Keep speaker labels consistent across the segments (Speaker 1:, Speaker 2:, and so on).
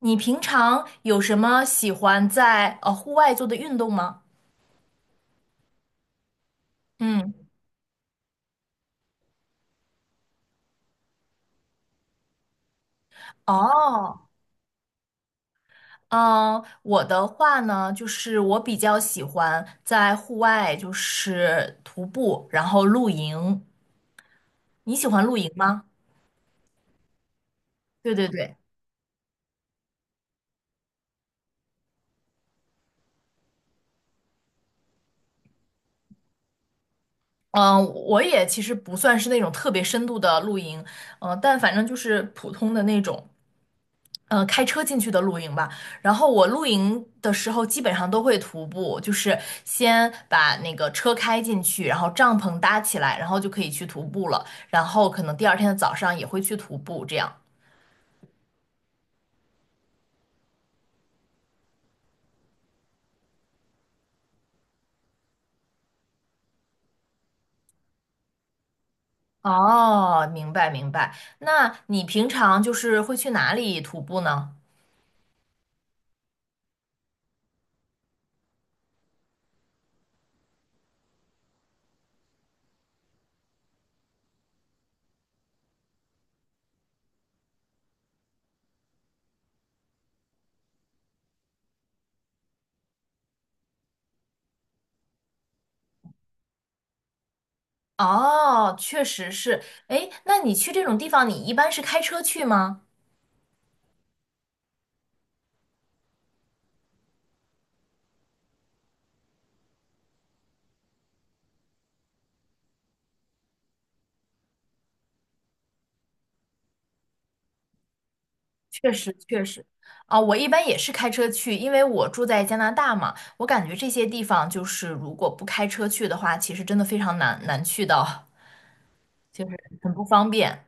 Speaker 1: 你平常有什么喜欢在户外做的运动吗？嗯。哦，嗯，我的话呢，就是我比较喜欢在户外，就是徒步，然后露营。你喜欢露营吗？对对对。嗯，我也其实不算是那种特别深度的露营，嗯，但反正就是普通的那种。开车进去的露营吧。然后我露营的时候基本上都会徒步，就是先把那个车开进去，然后帐篷搭起来，然后就可以去徒步了。然后可能第二天的早上也会去徒步，这样。哦，明白明白。那你平常就是会去哪里徒步呢？哦，确实是。诶，那你去这种地方，你一般是开车去吗？确实确实。啊、我一般也是开车去，因为我住在加拿大嘛，我感觉这些地方就是如果不开车去的话，其实真的非常难去到，就是很不方便。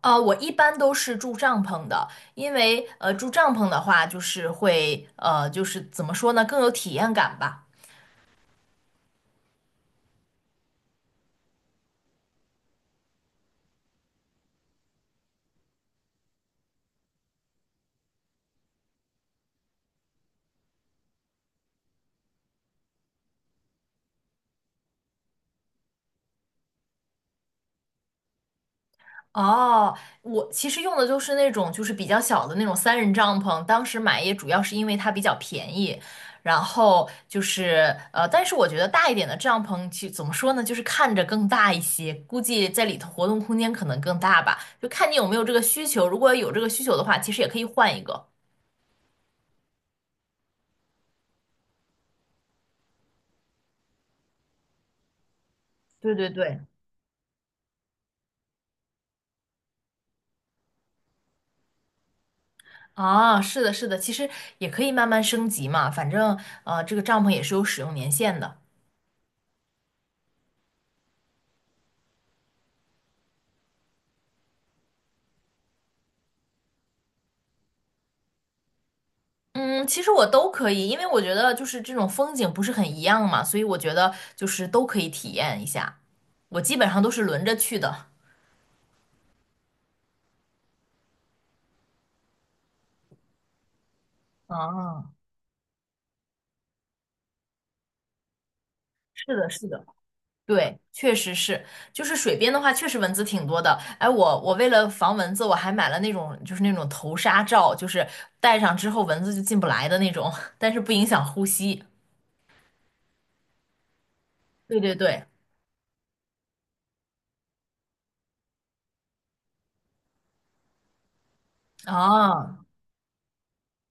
Speaker 1: 啊、我一般都是住帐篷的，因为住帐篷的话，就是会就是怎么说呢，更有体验感吧。哦，我其实用的就是那种就是比较小的那种三人帐篷，当时买也主要是因为它比较便宜，然后就是但是我觉得大一点的帐篷其怎么说呢，就是看着更大一些，估计在里头活动空间可能更大吧，就看你有没有这个需求，如果有这个需求的话，其实也可以换一个。对对对。啊，是的，是的，其实也可以慢慢升级嘛，反正这个帐篷也是有使用年限的。嗯，其实我都可以，因为我觉得就是这种风景不是很一样嘛，所以我觉得就是都可以体验一下。我基本上都是轮着去的。啊，是的，是的。对，确实是，就是水边的话，确实蚊子挺多的。哎，我为了防蚊子，我还买了那种就是那种头纱罩，就是戴上之后蚊子就进不来的那种，但是不影响呼吸。对对对。啊，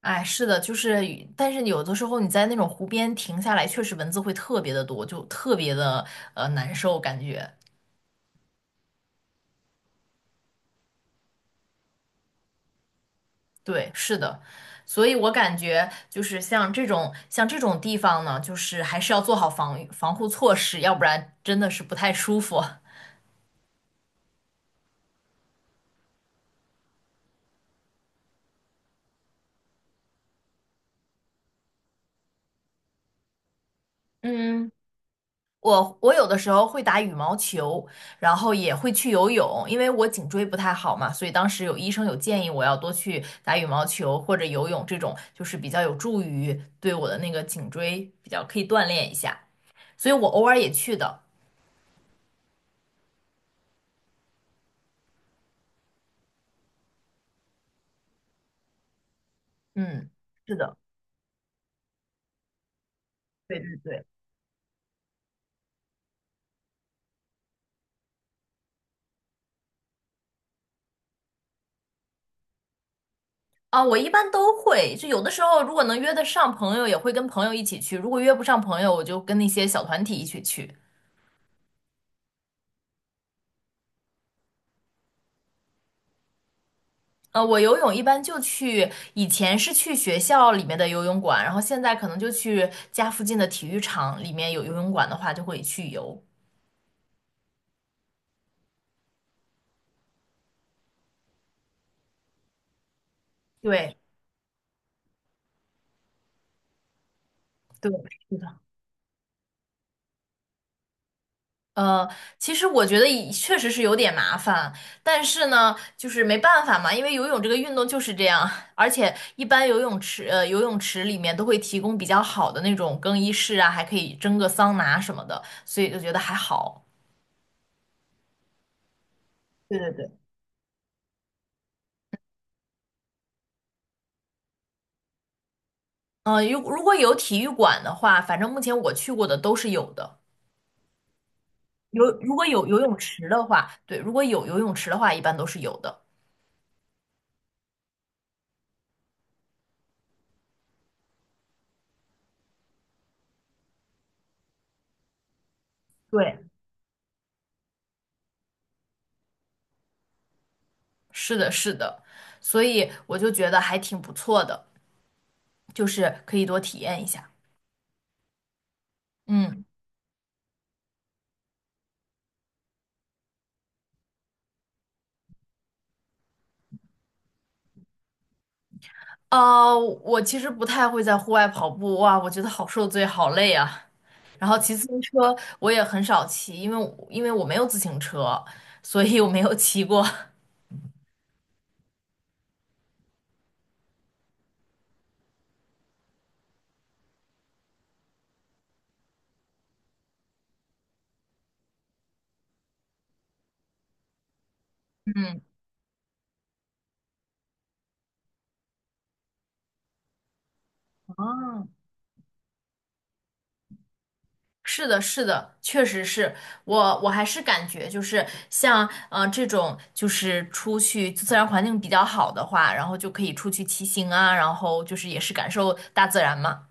Speaker 1: 哎，是的，就是，但是有的时候你在那种湖边停下来，确实蚊子会特别的多，就特别的难受，感觉。对，是的，所以我感觉就是像这种地方呢，就是还是要做好防御防护措施，要不然真的是不太舒服。嗯，我有的时候会打羽毛球，然后也会去游泳，因为我颈椎不太好嘛，所以当时有医生有建议我要多去打羽毛球或者游泳这种，就是比较有助于对我的那个颈椎比较可以锻炼一下，所以我偶尔也去的。嗯，是的，对对对。啊，我一般都会，就有的时候如果能约得上朋友，也会跟朋友一起去；如果约不上朋友，我就跟那些小团体一起去。我游泳一般就去，以前是去学校里面的游泳馆，然后现在可能就去家附近的体育场里面有游泳馆的话，就会去游。对对，是的。呃，其实我觉得也确实是有点麻烦，但是呢，就是没办法嘛，因为游泳这个运动就是这样，而且一般游泳池，游泳池里面都会提供比较好的那种更衣室啊，还可以蒸个桑拿什么的，所以就觉得还好。对对对。嗯，如如果有体育馆的话，反正目前我去过的都是有的。有，如果有游泳池的话，对，如果有游泳池的话，一般都是有的。对，是的，是的，所以我就觉得还挺不错的，就是可以多体验一下。嗯，我其实不太会在户外跑步，哇，我觉得好受罪，好累啊。然后骑自行车我也很少骑，因为我没有自行车，所以我没有骑过。嗯。哦，是的，是的，确实是我，我还是感觉就是像，这种就是出去自然环境比较好的话，然后就可以出去骑行啊，然后就是也是感受大自然嘛。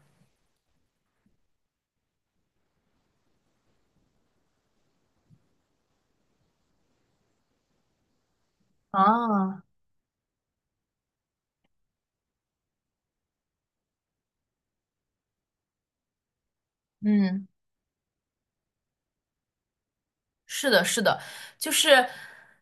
Speaker 1: 啊，嗯。是的，是的，就是，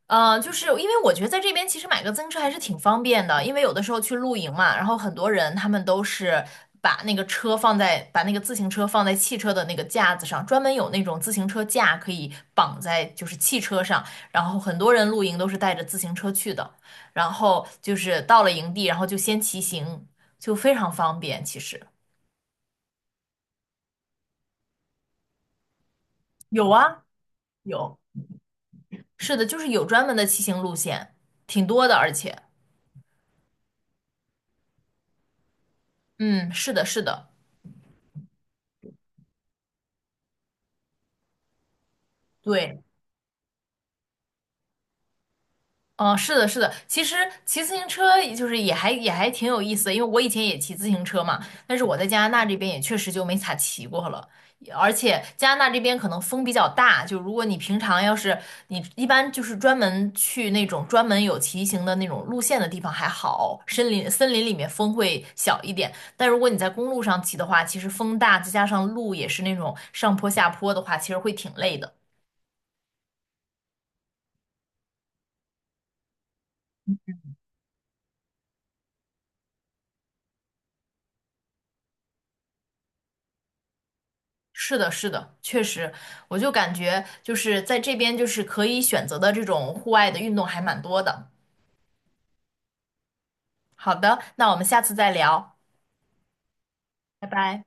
Speaker 1: 就是因为我觉得在这边其实买个自行车还是挺方便的，因为有的时候去露营嘛，然后很多人他们都是把那个车放在，把那个自行车放在汽车的那个架子上，专门有那种自行车架可以绑在就是汽车上，然后很多人露营都是带着自行车去的，然后就是到了营地，然后就先骑行，就非常方便，其实有啊，有，是的，就是有专门的骑行路线，挺多的，而且。嗯，是的，是的，对，是的，是的。其实骑自行车也就是也还挺有意思的，因为我以前也骑自行车嘛，但是我在加拿大这边也确实就没咋骑过了。而且加拿大这边可能风比较大，就如果你平常要是你一般就是专门去那种专门有骑行的那种路线的地方还好，森林里面风会小一点，但如果你在公路上骑的话，其实风大，再加上路也是那种上坡下坡的话，其实会挺累的。是的，是的，确实，我就感觉就是在这边就是可以选择的这种户外的运动还蛮多的。好的，那我们下次再聊，拜拜。